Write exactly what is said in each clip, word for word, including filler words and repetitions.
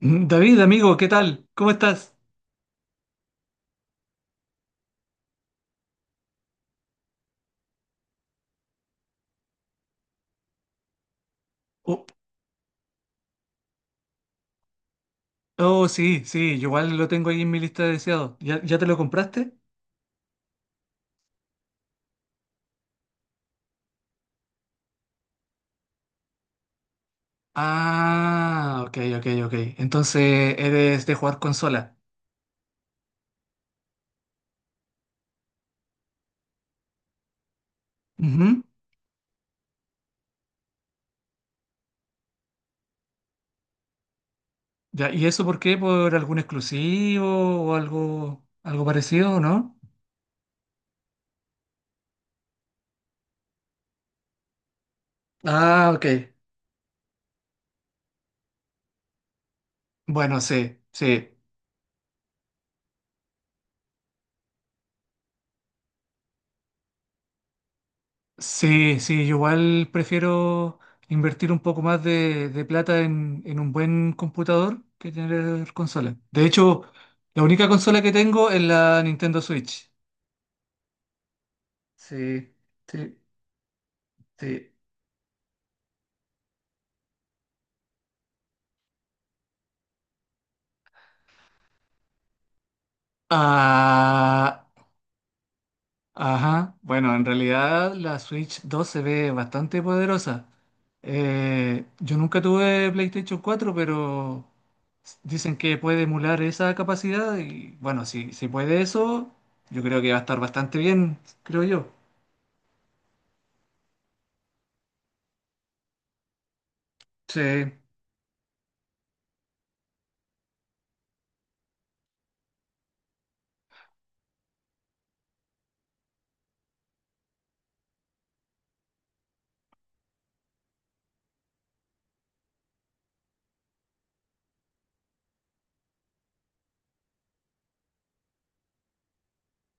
Mm, David, amigo, ¿qué tal? ¿Cómo estás? Oh, oh, sí, sí, yo igual lo tengo ahí en mi lista de deseados. ¿Ya, ya te lo compraste? Ah, ok, ok, ok. Entonces eres de jugar consola. Ujú. Ya, ¿y eso por qué? ¿Por algún exclusivo o algo, algo parecido, no? Ah, ok. Bueno, sí, sí. Sí, sí, yo igual prefiero invertir un poco más de, de plata en, en un buen computador que tener consola. De hecho, la única consola que tengo es la Nintendo Switch. Sí, sí, sí. Ah, ajá, bueno, en realidad la Switch dos se ve bastante poderosa. Eh, yo nunca tuve PlayStation cuatro, pero s- dicen que puede emular esa capacidad y bueno, si, si puede eso, yo creo que va a estar bastante bien, creo yo. Sí,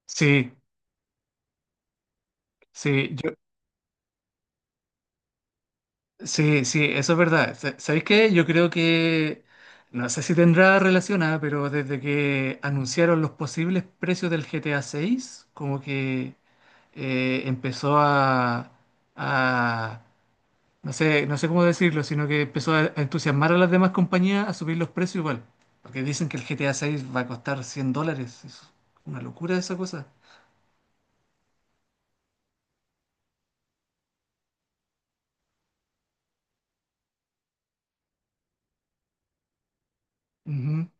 sí, sí, yo, sí, sí, eso es verdad. Sa- ¿Sabéis qué? Yo creo que, no sé si tendrá relacionada, pero desde que anunciaron los posibles precios del G T A seis, como que... eh, empezó a, a- no sé, no sé cómo decirlo, sino que empezó a a entusiasmar a las demás compañías a subir los precios igual. Porque dicen que el G T A seis va a costar cien dólares. Es una locura esa cosa. Ujú.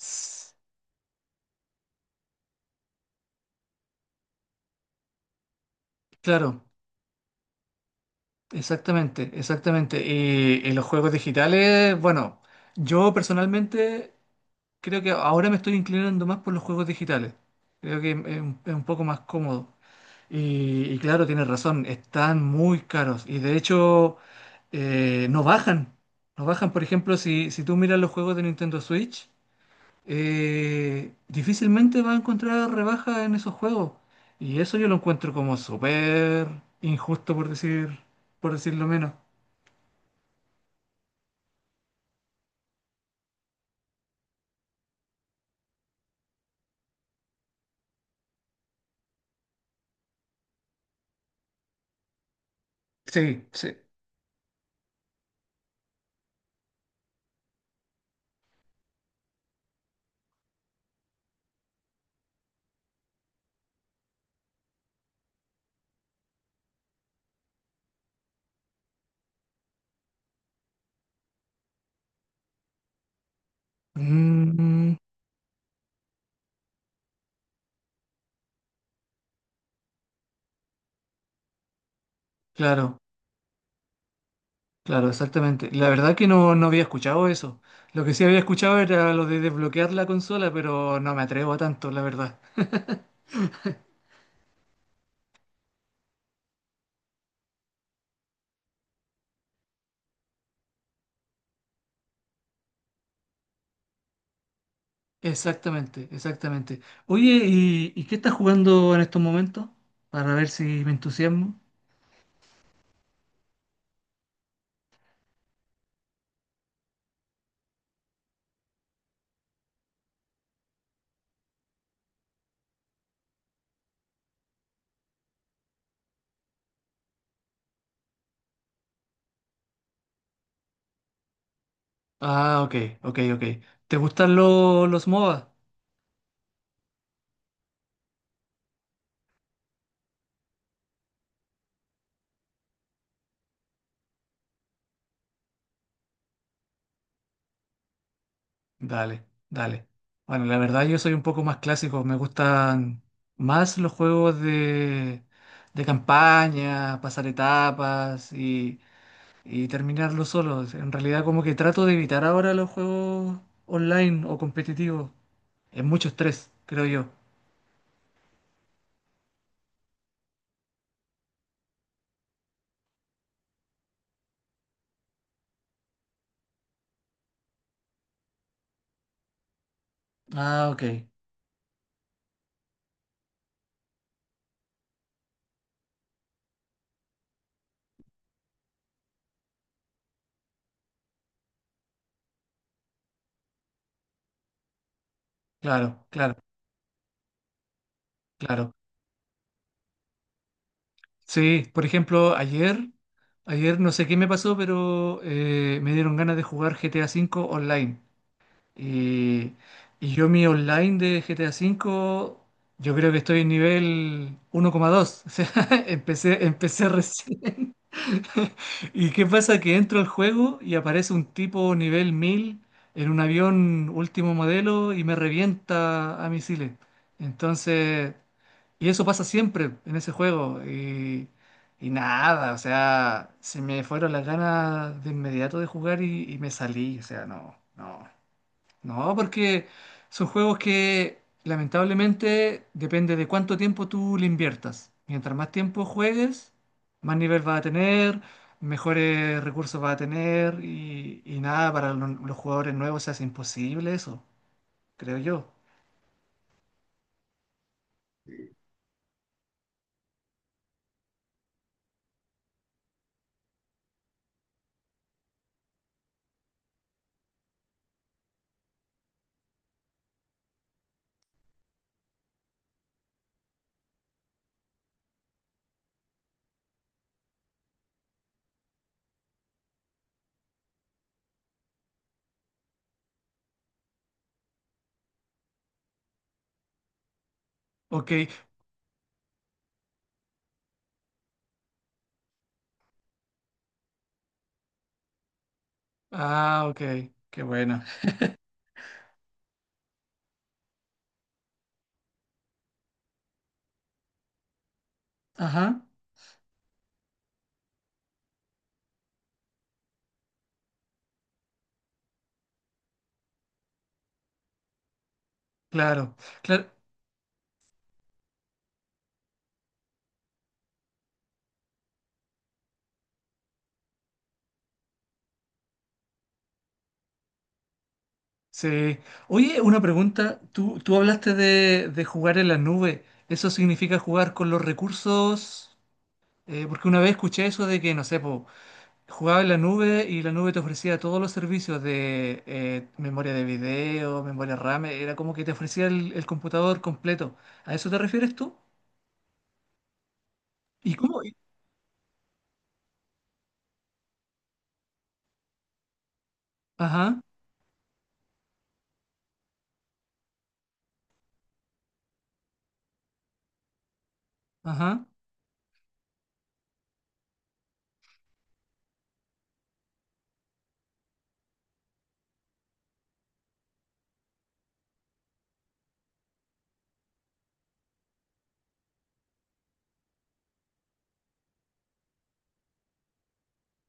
S- Claro, exactamente, exactamente. Y, y los juegos digitales, bueno, yo personalmente creo que ahora me estoy inclinando más por los juegos digitales. Creo que es un, es un poco más cómodo. Y, y claro, tienes razón, están muy caros y de hecho eh, no bajan. No bajan, por ejemplo, si, si tú miras los juegos de Nintendo Switch, eh, difícilmente vas a encontrar rebaja en esos juegos. Y eso yo lo encuentro como súper injusto, por decir, por decirlo menos. Sí, sí. Mm, claro, claro, exactamente. La verdad que no, no había escuchado eso. Lo que sí había escuchado era lo de desbloquear la consola, pero no me atrevo a tanto, la verdad. Exactamente, exactamente. Oye, ¿y, y qué estás jugando en estos momentos? Para ver si me entusiasmo. Ah, ok, ok, ok. ¿Te gustan lo- los MOBA? Dale, dale. Bueno, la verdad yo soy un poco más clásico, me gustan más los juegos de, de campaña, pasar etapas y, y terminarlos solos. En realidad como que trato de evitar ahora los juegos online o competitivos. Es mucho estrés, creo yo. Ah, ok. Claro, claro, claro. Sí, por ejemplo, ayer, ayer no sé qué me pasó, pero eh, me dieron ganas de jugar G T A ve V online. Y, y yo mi online de G T A ve V, yo creo que estoy en nivel uno coma dos. O sea, empecé, empecé recién. ¿Y qué pasa? Que entro al juego y aparece un tipo nivel mil en un avión último modelo y me revienta a misiles. Entonces, y eso pasa siempre en ese juego. Y, y nada, o sea, se me fueron las ganas de inmediato de jugar y, y me salí. O sea, no, no. No, porque son juegos que lamentablemente depende de cuánto tiempo tú le inviertas. Mientras más tiempo juegues, más nivel vas a tener, mejores recursos vas a tener y, y nada, para lo- los jugadores nuevos se hace imposible eso, creo yo. Ok, ah, ok, qué buena. Ajá, claro, claro, sí. Oye, una pregunta, tú, tú hablaste de, de jugar en la nube, ¿eso significa jugar con los recursos? Eh, porque una vez escuché eso de que, no sé, po, jugaba en la nube y la nube te ofrecía todos los servicios de eh, memoria de video, memoria R A M, era como que te ofrecía el, el computador completo. ¿A eso te refieres tú? ¿Y cómo? y- Ajá, ajá,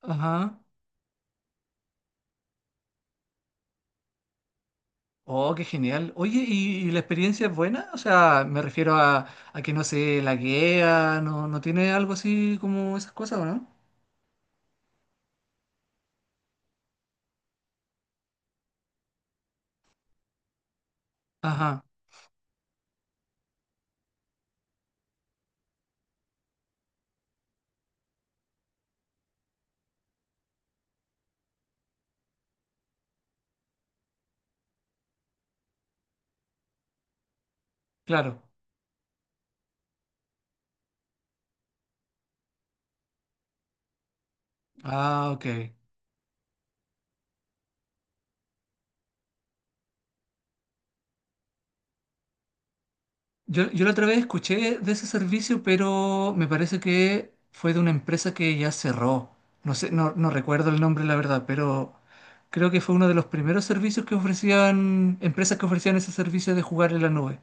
ajá. Oh, qué genial. Oye, ¿y, y la experiencia es buena? O sea, me refiero a, a que no se laguea, no, no tiene algo así como esas cosas, ¿o no? Ajá, claro. Ah, ok. Yo, yo la otra vez escuché de ese servicio, pero me parece que fue de una empresa que ya cerró. No sé, no, no recuerdo el nombre, la verdad, pero creo que fue uno de los primeros servicios que ofrecían, empresas que ofrecían ese servicio de jugar en la nube.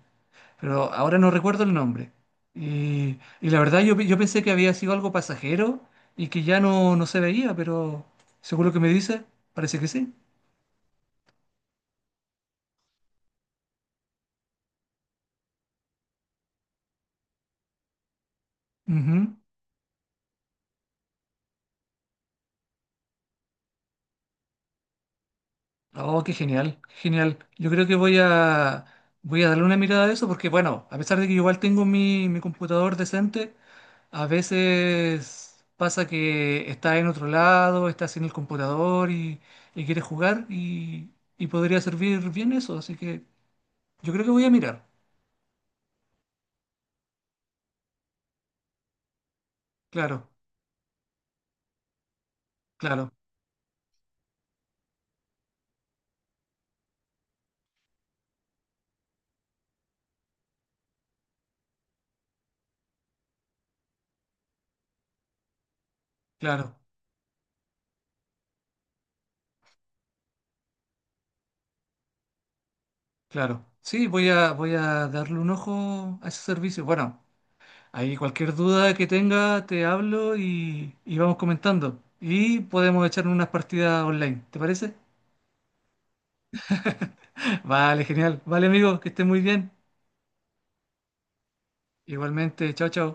Pero ahora no recuerdo el nombre. Y, y la verdad yo, yo pensé que había sido algo pasajero y que ya no, no se veía, pero seguro que me dice, parece que sí. Ujú. Oh, qué genial, qué genial. Yo creo que voy a, voy a darle una mirada a eso porque, bueno, a pesar de que igual tengo mi, mi computador decente, a veces pasa que está en otro lado, está sin el computador y, y quiere jugar y, y podría servir bien eso. Así que yo creo que voy a mirar. Claro, claro, claro, claro. Sí, voy a, voy a darle un ojo a ese servicio. Bueno. Ahí cualquier duda que tenga, te hablo y, y vamos comentando. Y podemos echar unas partidas online, ¿te parece? Vale, genial. Vale, amigo, que estés muy bien. Igualmente, chao, chao.